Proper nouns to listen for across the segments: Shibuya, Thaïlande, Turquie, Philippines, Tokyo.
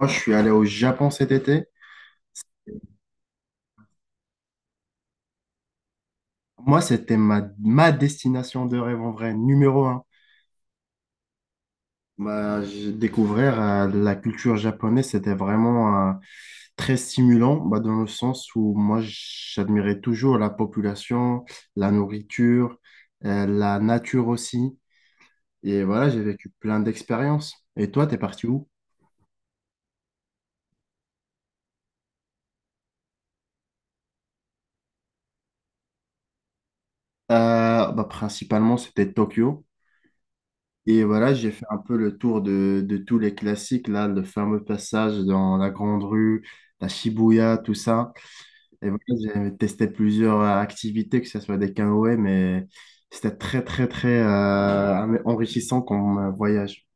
Moi, je suis allé au Japon cet été. Moi, c'était ma destination de rêve en vrai, numéro un. Découvrir la culture japonaise, c'était vraiment très stimulant, bah, dans le sens où moi, j'admirais toujours la population, la nourriture, la nature aussi. Et voilà, j'ai vécu plein d'expériences. Et toi, t'es parti où? Principalement, c'était Tokyo. Et voilà, j'ai fait un peu le tour de tous les classiques, là, le fameux passage dans la Grande Rue, la Shibuya, tout ça. Et voilà, j'ai testé plusieurs activités, que ce soit des canoës, mais c'était très, très, très enrichissant comme voyage.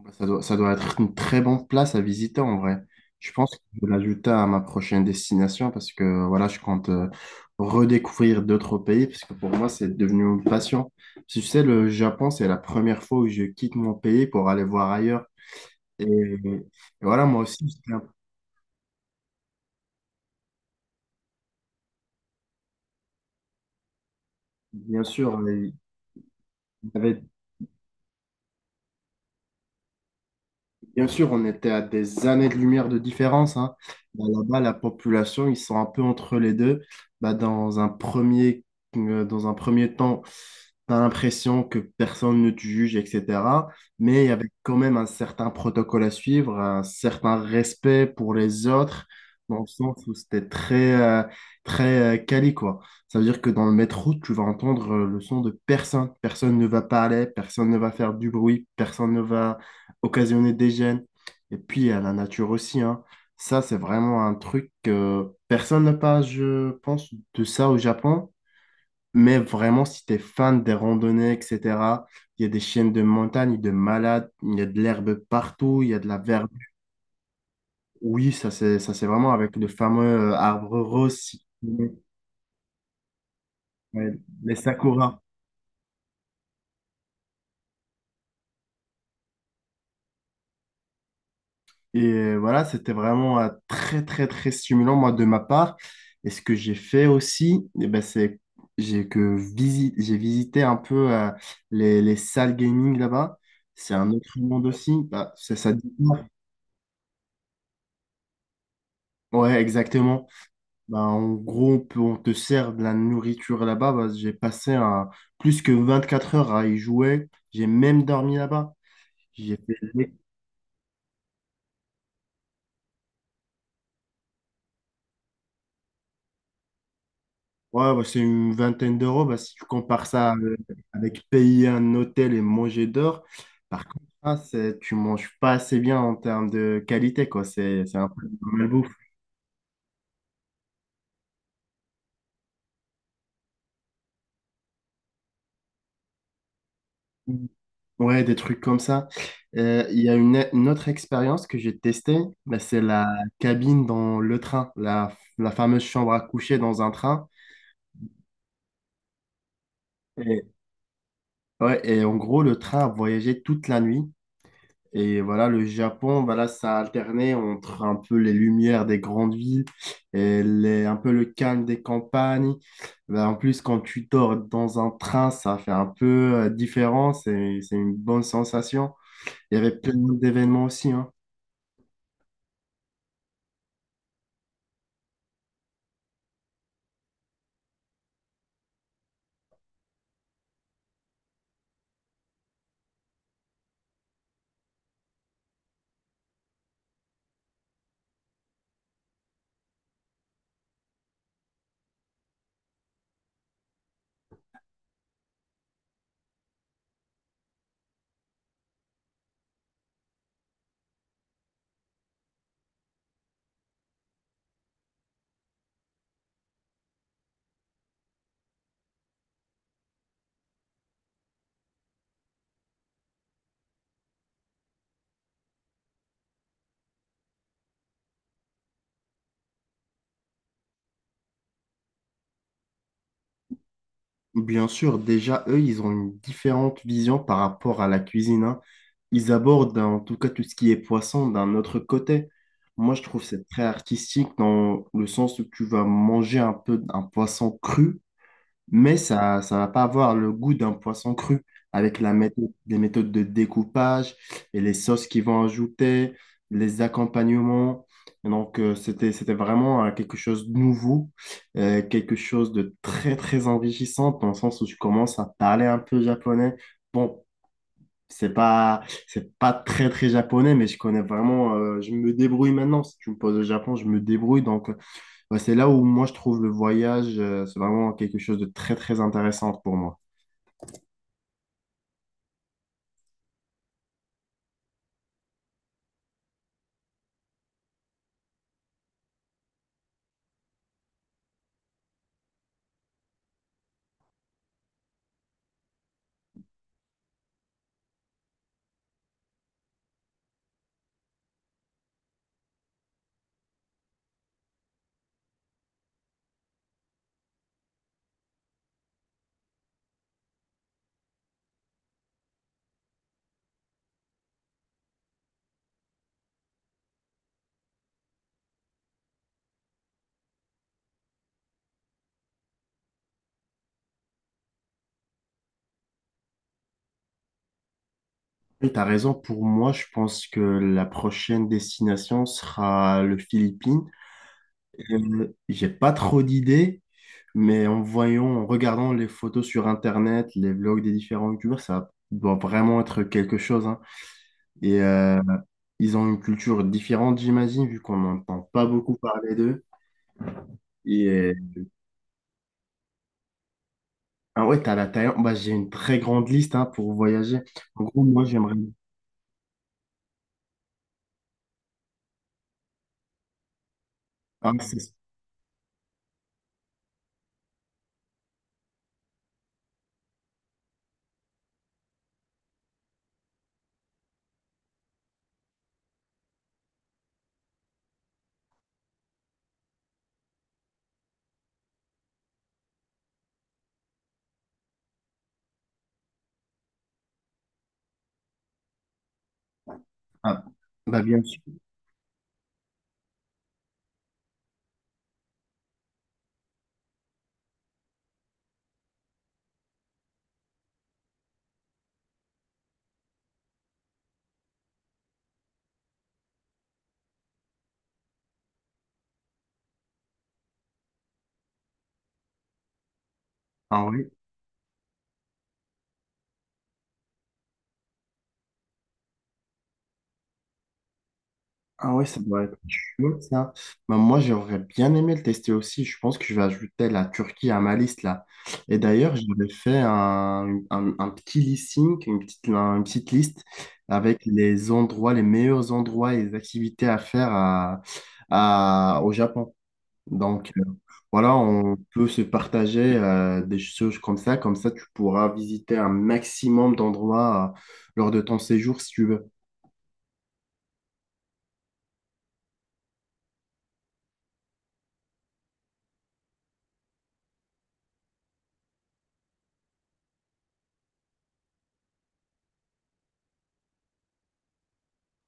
Bah, ça doit être une très bonne place à visiter en vrai. Je pense que je vais l'ajouter à ma prochaine destination parce que voilà, je compte redécouvrir d'autres pays parce que pour moi, c'est devenu une passion. Parce que, tu sais, le Japon, c'est la première fois où je quitte mon pays pour aller voir ailleurs. Et voilà, moi aussi, bien sûr, il y avait bien sûr, on était à des années-lumière de différence, hein. Bah, là-bas, la population, ils sont un peu entre les deux. Bah, dans un premier, Dans un premier temps, tu l'impression que personne ne te juge, etc. Mais il y avait quand même un certain protocole à suivre, un certain respect pour les autres, dans le sens où c'était très quali, quoi. Ça veut dire que dans le métro, tu vas entendre le son de personne. Personne ne va parler, personne ne va faire du bruit, personne ne va occasionner des gènes. Et puis, à la nature aussi, hein. Ça, c'est vraiment un truc que personne ne parle, je pense, de ça au Japon. Mais vraiment, si tu es fan des randonnées, etc., il y a des chaînes de montagne, de malades, il y a de l'herbe partout, il y a de la verdure. Oui, c'est vraiment avec le fameux arbre rose, si tu connais, ouais, les sakuras. Et voilà, c'était vraiment très, très, très stimulant, moi, de ma part. Et ce que j'ai fait aussi, eh ben, c'est j'ai visité un peu les salles gaming là-bas. C'est un autre monde aussi. Bah, c'est ça. Ouais, exactement. Bah, en gros, on te sert de la nourriture là-bas. Plus que 24 heures à y jouer. J'ai même dormi là-bas. J'ai fait ouais, bah, c'est une vingtaine d'euros. Bah, si tu compares ça avec payer un hôtel et manger dehors, par contre, tu manges pas assez bien en termes de qualité, quoi. C'est un peu de la malbouffe. Ouais, des trucs comme ça. Il y a une autre expérience que j'ai testée, bah, c'est la cabine dans le train, la fameuse chambre à coucher dans un train. Et ouais, et en gros, le train a voyagé toute la nuit. Et voilà, le Japon, voilà, ça a alterné entre un peu les lumières des grandes villes et un peu le calme des campagnes. Ben, en plus, quand tu dors dans un train, ça fait un peu différent. C'est une bonne sensation. Il y avait plein d'événements aussi, hein. Bien sûr, déjà, eux, ils ont une différente vision par rapport à la cuisine, hein. Ils abordent, en tout cas, tout ce qui est poisson d'un autre côté. Moi, je trouve c'est très artistique dans le sens où tu vas manger un peu un poisson cru mais ça va pas avoir le goût d'un poisson cru avec les méthodes de découpage et les sauces qu'ils vont ajouter, les accompagnements. Et donc, c'était vraiment quelque chose de nouveau, quelque chose de très, très enrichissant dans le sens où je commence à parler un peu japonais. Bon, c'est pas très, très japonais, mais je connais vraiment, je me débrouille maintenant. Si tu me poses au Japon, je me débrouille. Donc, ouais, c'est là où moi je trouve le voyage, c'est vraiment quelque chose de très très intéressant pour moi. Et t'as raison, pour moi je pense que la prochaine destination sera le Philippines. J'ai pas trop d'idées, mais en voyant, en regardant les photos sur Internet, les vlogs des différents youtubeurs, ça doit vraiment être quelque chose, hein. Et ils ont une culture différente, j'imagine, vu qu'on n'entend pas beaucoup parler d'eux. Et ah ouais, t'as la Thaïlande. Bah, j'ai une très grande liste hein, pour voyager. En gros, moi, j'aimerais ah, mais c'est- ah, bah bien sûr. Ah ouais. Ah ouais, ça doit être chaud, ça. Bah, moi, j'aurais bien aimé le tester aussi. Je pense que je vais ajouter la Turquie à ma liste, là. Et d'ailleurs, j'avais fait un petit listing, une petite liste avec les endroits, les meilleurs endroits et les activités à faire à, au Japon. Donc, voilà, on peut se partager des choses comme ça. Comme ça, tu pourras visiter un maximum d'endroits lors de ton séjour, si tu veux.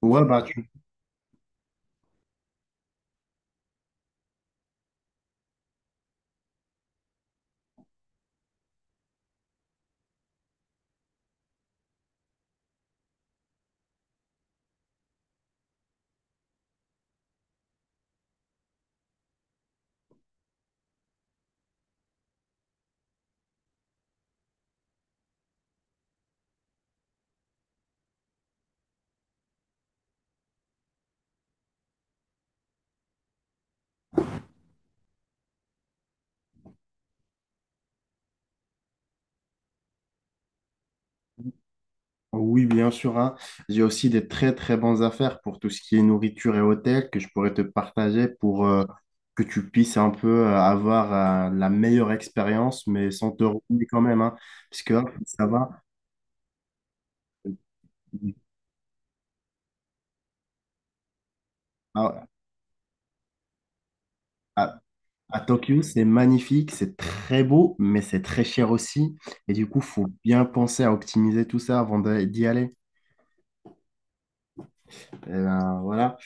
Ouais, bah, tu- Oui, bien sûr, hein. J'ai aussi des très, très bonnes affaires pour tout ce qui est nourriture et hôtel que je pourrais te partager pour que tu puisses un peu avoir la meilleure expérience, mais sans te ruiner quand même, hein. Parce que hein, ça va, à, à- à Tokyo, c'est magnifique, c'est très beau, mais c'est très cher aussi. Et du coup, faut bien penser à optimiser tout ça d'y aller. Et ben, voilà.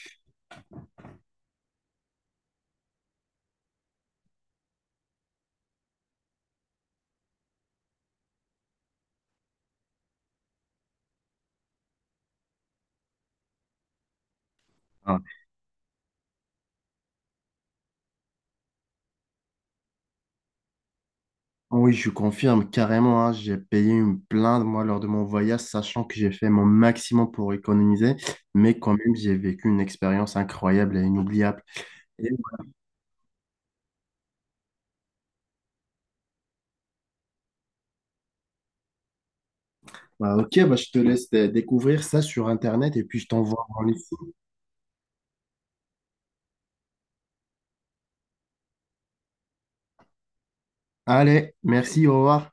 Enfin, oui, je confirme carrément, hein, j'ai payé une plainte moi lors de mon voyage, sachant que j'ai fait mon maximum pour économiser, mais quand même j'ai vécu une expérience incroyable et inoubliable. Et bah, ok, bah, je te laisse découvrir ça sur Internet et puis je t'envoie en liste. Allez, merci, au revoir.